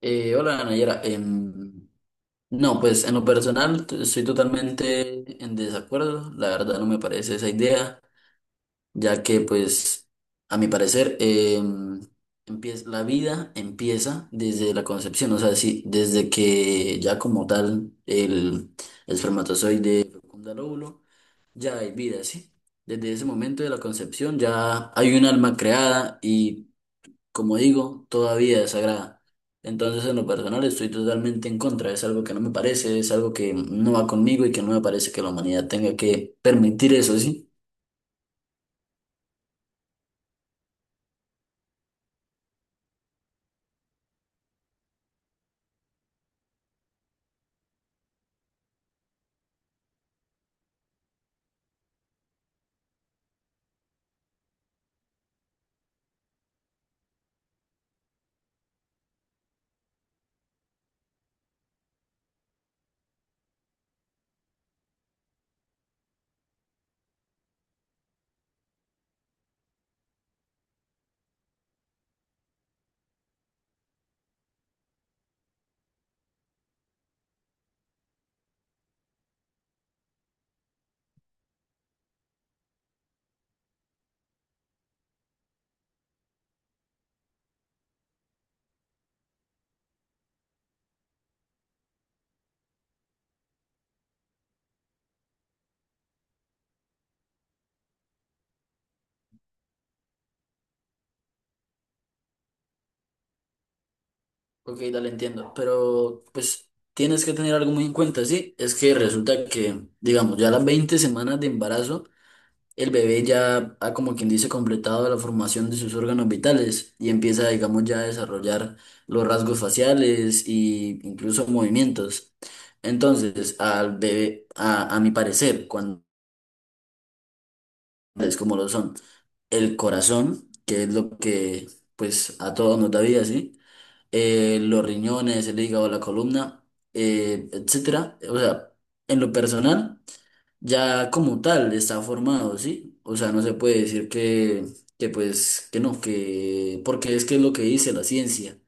Hola, Nayara. No, pues en lo personal estoy totalmente en desacuerdo, la verdad no me parece esa idea, ya que, pues, a mi parecer, la vida empieza desde la concepción. O sea, sí, desde que ya, como tal, el espermatozoide fecunda el óvulo, ya hay vida, ¿sí? Desde ese momento de la concepción ya hay un alma creada y, como digo, todavía desagrada. Entonces, en lo personal, estoy totalmente en contra. Es algo que no me parece, es algo que no va conmigo y que no me parece que la humanidad tenga que permitir eso, ¿sí? Ok, dale, entiendo. Pero, pues, tienes que tener algo muy en cuenta, ¿sí? Es que resulta que, digamos, ya las 20 semanas de embarazo, el bebé ya ha, como quien dice, completado la formación de sus órganos vitales y empieza, digamos, ya a desarrollar los rasgos faciales e incluso movimientos. Entonces, al bebé, a mi parecer, cuando es como lo son, el corazón, que es lo que, pues, a todos nos da vida, ¿sí? Los riñones, el hígado, la columna, etcétera. O sea, en lo personal ya como tal está formado, ¿sí? O sea, no se puede decir que, pues, que no, que, porque es que es lo que dice la ciencia.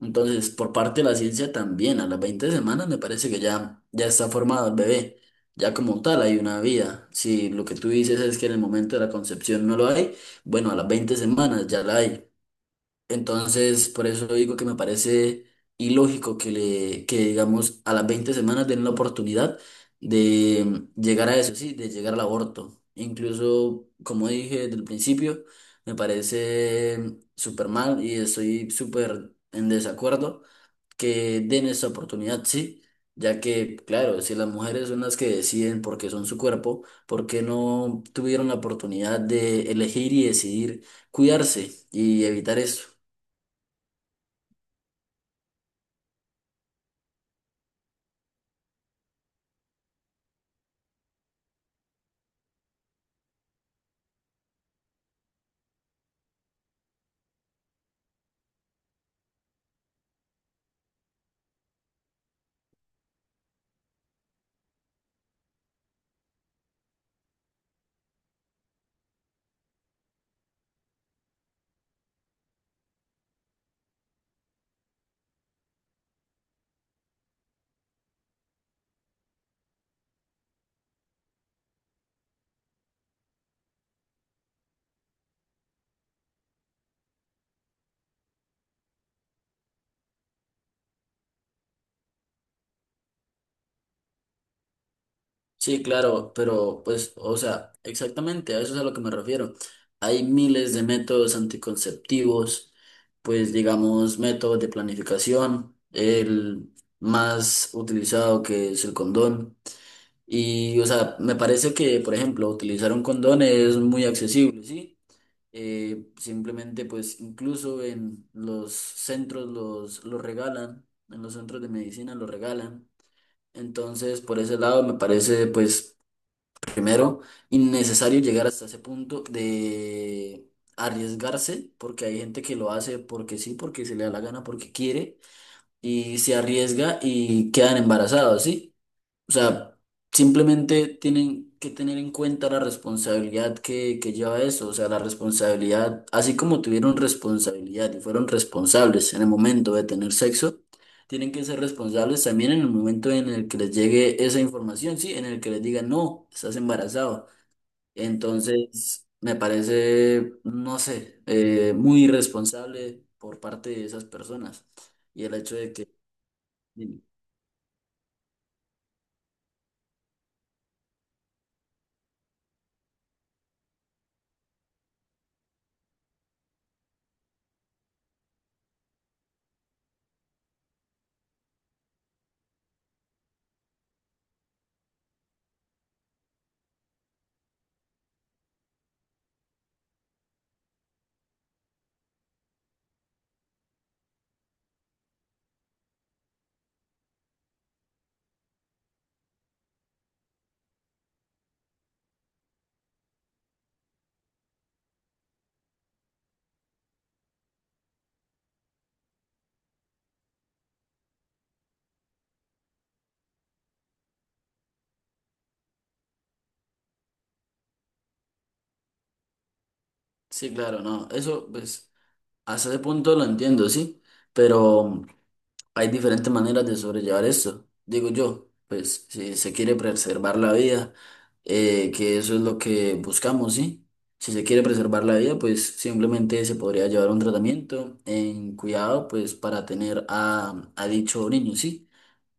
Entonces, por parte de la ciencia también, a las 20 semanas me parece que ya está formado el bebé. Ya como tal hay una vida. Si lo que tú dices es que en el momento de la concepción no lo hay, bueno, a las 20 semanas ya la hay. Entonces, por eso digo que me parece ilógico que digamos a las 20 semanas den la oportunidad de llegar a eso, sí, de llegar al aborto. Incluso, como dije desde el principio, me parece súper mal y estoy súper en desacuerdo que den esa oportunidad, sí, ya que, claro, si las mujeres son las que deciden porque son su cuerpo, ¿por qué no tuvieron la oportunidad de elegir y decidir cuidarse y evitar eso? Sí, claro, pero pues, o sea, exactamente, a eso es a lo que me refiero. Hay miles de métodos anticonceptivos, pues, digamos, métodos de planificación, el más utilizado que es el condón. Y, o sea, me parece que, por ejemplo, utilizar un condón es muy accesible, ¿sí? Simplemente, pues, incluso en los centros los regalan, en los centros de medicina los regalan. Entonces, por ese lado, me parece, pues, primero, innecesario llegar hasta ese punto de arriesgarse, porque hay gente que lo hace porque sí, porque se le da la gana, porque quiere, y se arriesga y quedan embarazados, ¿sí? O sea, simplemente tienen que tener en cuenta la responsabilidad que lleva eso, o sea, la responsabilidad, así como tuvieron responsabilidad y fueron responsables en el momento de tener sexo, tienen que ser responsables también en el momento en el que les llegue esa información, sí, en el que les digan: no, estás embarazado. Entonces, me parece, no sé, muy irresponsable por parte de esas personas. Y el hecho de que, sí, sí, claro, no, eso, pues, hasta ese punto lo entiendo, sí, pero hay diferentes maneras de sobrellevar esto. Digo yo, pues, si se quiere preservar la vida, que eso es lo que buscamos, sí. Si se quiere preservar la vida, pues simplemente se podría llevar un tratamiento en cuidado, pues para tener a dicho niño, ¿sí?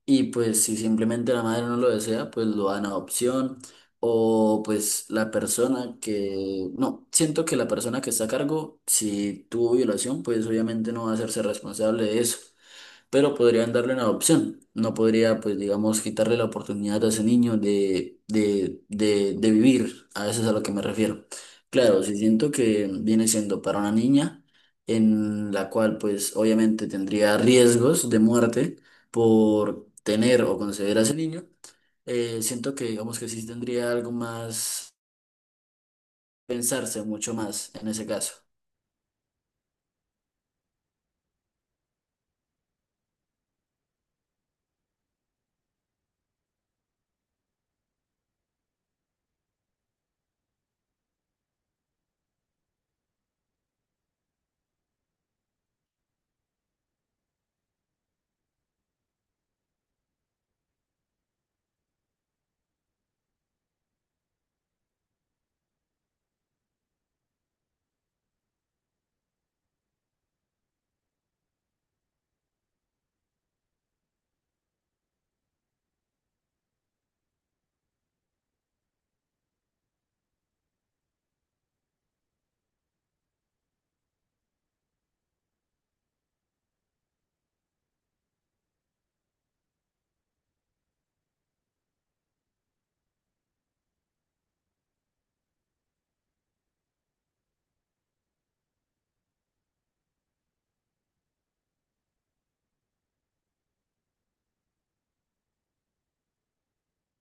Y pues si simplemente la madre no lo desea, pues lo dan a adopción. O pues la persona que... No, siento que la persona que está a cargo, si tuvo violación, pues obviamente no va a hacerse responsable de eso, pero podrían darle una adopción. No podría, pues, digamos, quitarle la oportunidad a ese niño de, de vivir. A eso es a lo que me refiero. Claro, si siento que viene siendo para una niña en la cual, pues, obviamente tendría riesgos de muerte por tener o conceder a ese niño, siento que, digamos, que sí tendría algo más, pensarse mucho más en ese caso.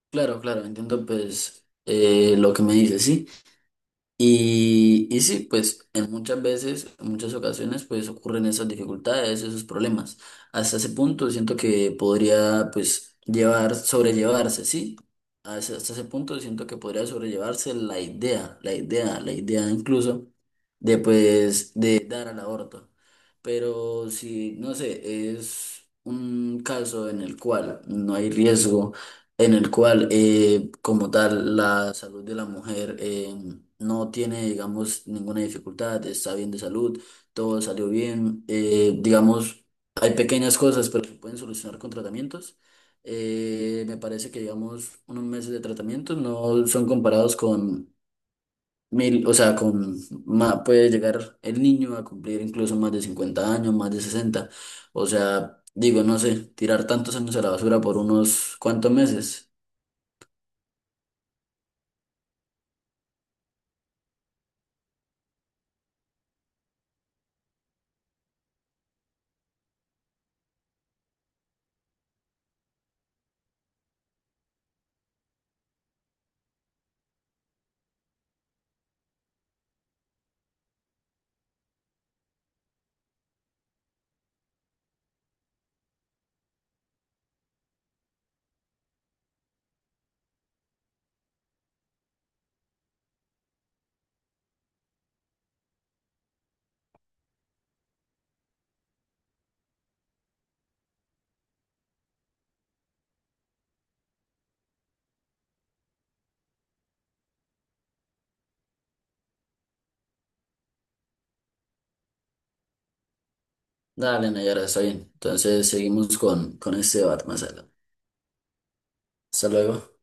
Claro, claro, entiendo, pues, lo que me dices, ¿sí? Y sí, pues en muchas veces, en muchas ocasiones, pues ocurren esas dificultades, esos problemas. Hasta ese punto siento que podría, pues, llevar, sobrellevarse, ¿sí? Hasta ese punto siento que podría sobrellevarse la idea, incluso, de, pues, de dar al aborto. Pero si, no sé, es un caso en el cual no hay riesgo, en el cual, como tal, la salud de la mujer... no tiene, digamos, ninguna dificultad, está bien de salud, todo salió bien. Digamos, hay pequeñas cosas, pero se pueden solucionar con tratamientos. Me parece que, digamos, unos meses de tratamiento no son comparados con mil, o sea, con puede llegar el niño a cumplir incluso más de 50 años, más de 60. O sea, digo, no sé, tirar tantos años a la basura por unos cuantos meses. Dale, Nayara, está bien. Entonces seguimos con este debate más adelante. Hasta luego.